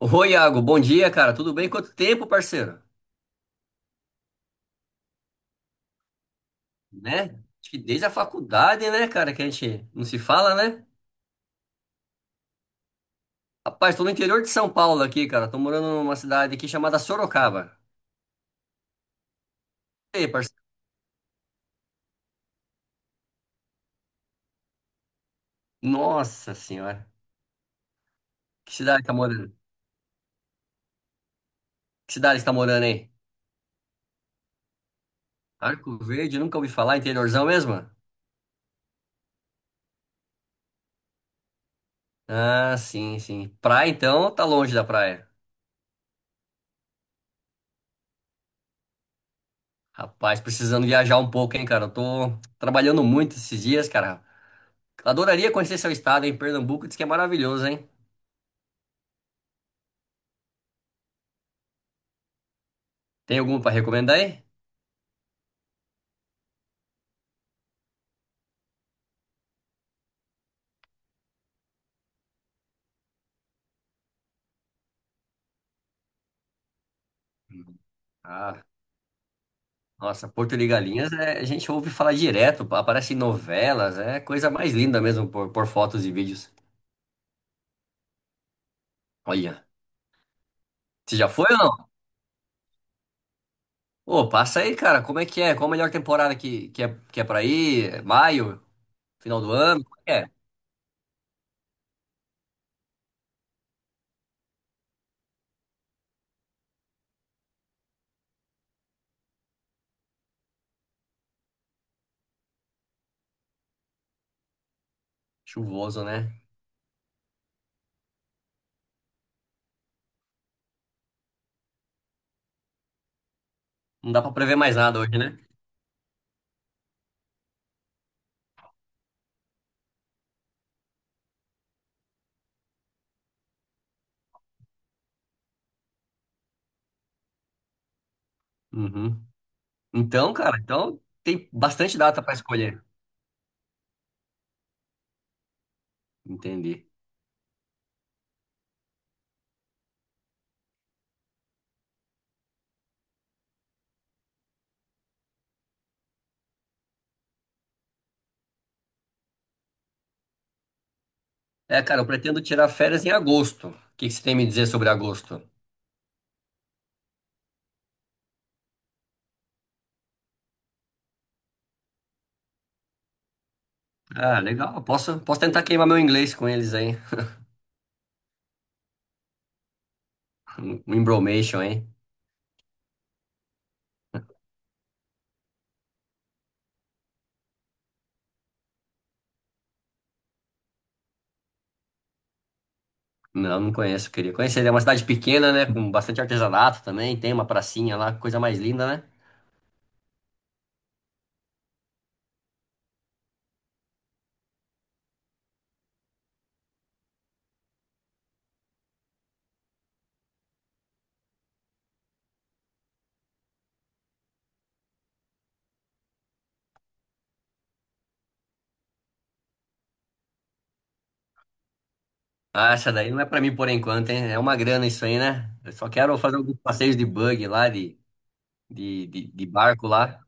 Oi, Iago, bom dia, cara. Tudo bem? Quanto tempo, parceiro? Né? Acho que desde a faculdade, né, cara, que a gente não se fala, né? Rapaz, tô no interior de São Paulo aqui, cara. Tô morando numa cidade aqui chamada Sorocaba. E aí, parceiro? Nossa senhora. Que cidade tá morando? Que cidade você tá morando aí? Arco Verde, nunca ouvi falar, interiorzão mesmo? Ah, sim, sim. Praia, então, tá longe da praia. Rapaz, precisando viajar um pouco, hein, cara. Eu tô trabalhando muito esses dias, cara. Adoraria conhecer seu estado, hein? Pernambuco diz que é maravilhoso, hein? Tem alguma para recomendar aí? Ah, nossa, Porto de Galinhas, a gente ouve falar direto, aparece em novelas, é coisa mais linda mesmo por fotos e vídeos. Olha, você já foi ou não? Ô, passa aí, cara, como é que é? Qual a melhor temporada que é para ir? É maio? Final do ano? Como é? É? Chuvoso, né? Não dá para prever mais nada hoje, né? Uhum. Então, cara, então tem bastante data para escolher. Entendi. É, cara, eu pretendo tirar férias em agosto. O que que você tem a me dizer sobre agosto? Ah, legal. Posso tentar queimar meu inglês com eles aí. Um embromation, hein? Não, não conheço. Queria conhecer. É uma cidade pequena, né? Com bastante artesanato também. Tem uma pracinha lá, coisa mais linda, né? Ah, essa daí não é pra mim por enquanto, hein? É uma grana isso aí, né? Eu só quero fazer alguns passeios de buggy lá, de barco lá.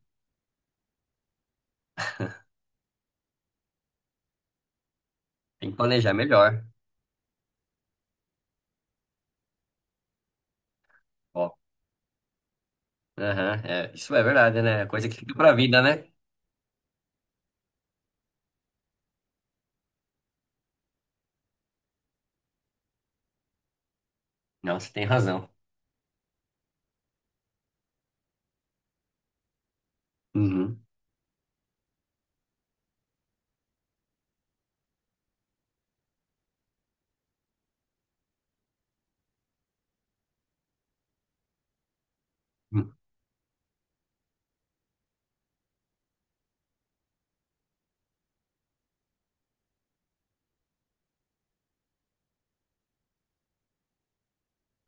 Tem que planejar melhor. Ó. Aham, é, isso é verdade, né? É coisa que fica pra vida, né? Não, você tem razão. Uhum.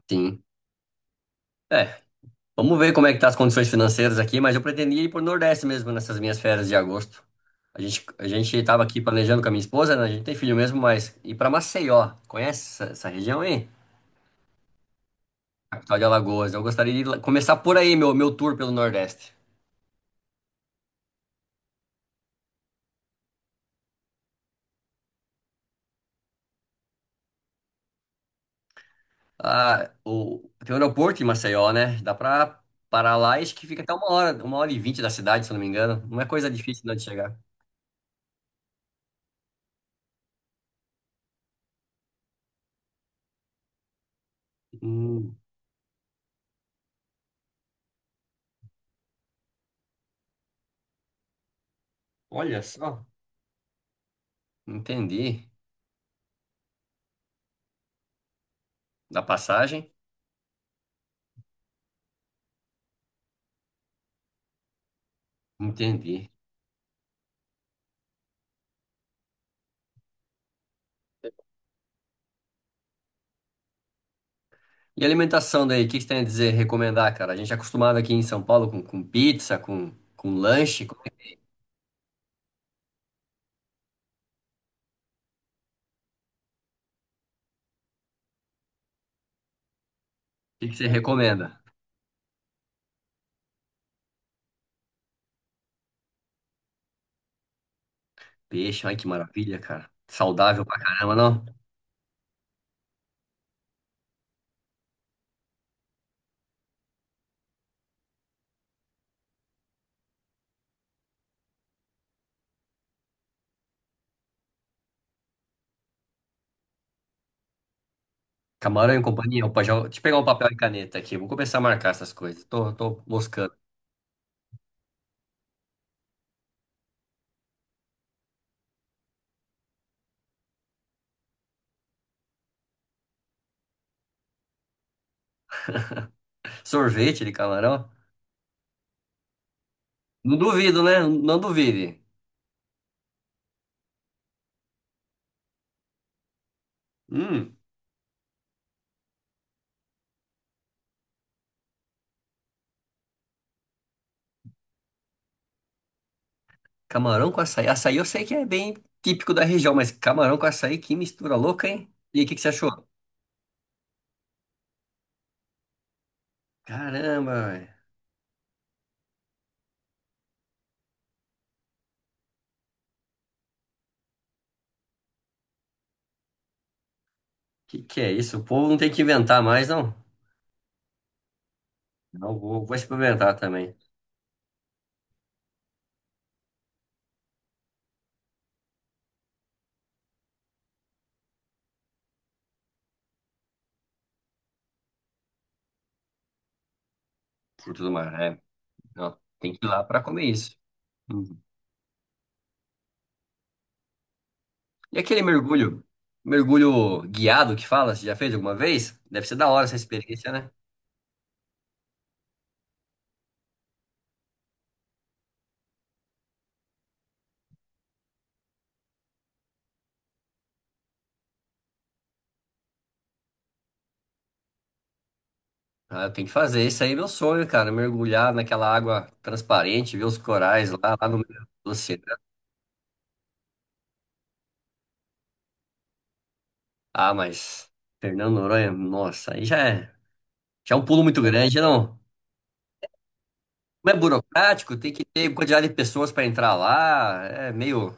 Sim. É. Vamos ver como é que tá as condições financeiras aqui, mas eu pretendia ir pro Nordeste mesmo nessas minhas férias de agosto. A gente tava aqui planejando com a minha esposa, né? A gente tem filho mesmo, mas ir pra Maceió. Conhece essa região aí? Capital de Alagoas. Eu gostaria de ir começar por aí, meu tour pelo Nordeste. Ah, o, tem um aeroporto em Maceió, né? Dá pra parar lá e acho que fica até uma hora, 1 hora e 20 da cidade, se eu não me engano. Não é coisa difícil não, de chegar. Hum, olha só. Entendi. Da passagem? Entendi. E alimentação daí, o que que você tem a dizer, recomendar, cara? A gente é acostumado aqui em São Paulo com pizza, com lanche. O que que você recomenda? Peixe, ai que maravilha, cara. Saudável pra caramba, não? Camarão e companhia. Opa, já, deixa eu pegar um papel e caneta aqui. Vou começar a marcar essas coisas. Tô moscando. Sorvete de camarão? Não duvido, né? Não duvide. Hum, camarão com açaí. Açaí eu sei que é bem típico da região, mas camarão com açaí, que mistura louca, hein? E aí, o que que você achou? Caramba, velho. Que é isso? O povo não tem que inventar mais, não? Não, vou experimentar também. Fruto do mar, é. Não, tem que ir lá pra comer isso. Uhum. E aquele mergulho, mergulho guiado que fala, você já fez alguma vez? Deve ser da hora essa experiência, né? Ah, eu tenho que fazer. Isso aí é meu sonho, cara. Mergulhar naquela água transparente, ver os corais lá no meio do oceano. Ah, mas Fernando Noronha, nossa, aí já é um pulo muito grande, não? Não é burocrático, tem que ter quantidade de pessoas para entrar lá. É meio.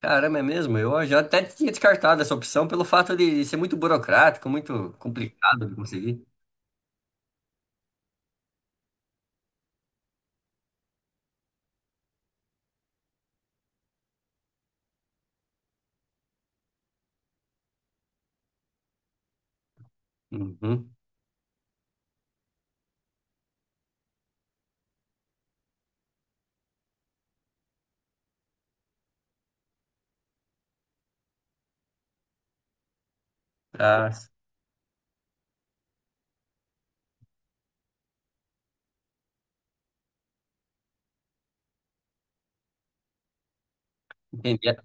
Caramba, é mesmo? Eu já até tinha descartado essa opção pelo fato de ser muito burocrático, muito complicado de conseguir. Uhum. Ah, entendi.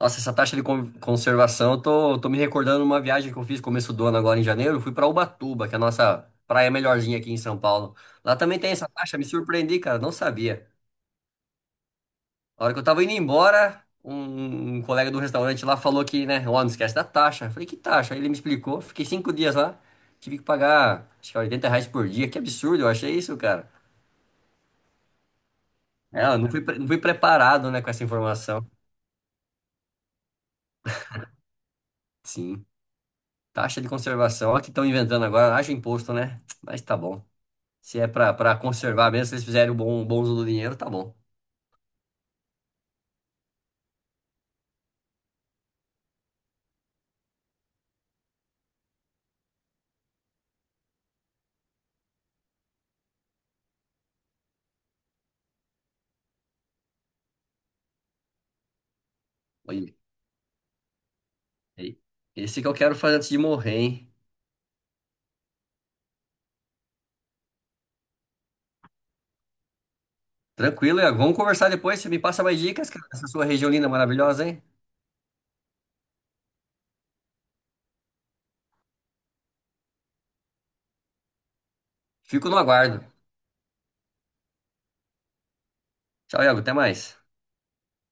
Nossa, essa taxa de conservação, eu tô me recordando de uma viagem que eu fiz começo do ano agora em janeiro. Eu fui pra Ubatuba, que é a nossa praia melhorzinha aqui em São Paulo. Lá também tem essa taxa, me surpreendi, cara, não sabia. A hora que eu tava indo embora, um colega do restaurante lá falou que, né, ó, não esquece da taxa. Eu falei, que taxa? Aí ele me explicou. Fiquei 5 dias lá, tive que pagar, acho que R$ 80 por dia. Que absurdo, eu achei isso, cara. É, eu não fui, não fui preparado, né, com essa informação. Sim, taxa de conservação. Olha o que estão inventando agora, acha imposto, né? Mas tá bom. Se é pra, pra conservar mesmo, se eles fizerem um bom, bom uso do dinheiro, tá bom. Olha, aí. Esse que eu quero fazer antes de morrer, hein? Tranquilo, Iago. Vamos conversar depois. Você me passa mais dicas, cara, dessa sua região linda, maravilhosa, hein? Fico no aguardo. Tchau, Iago. Até mais.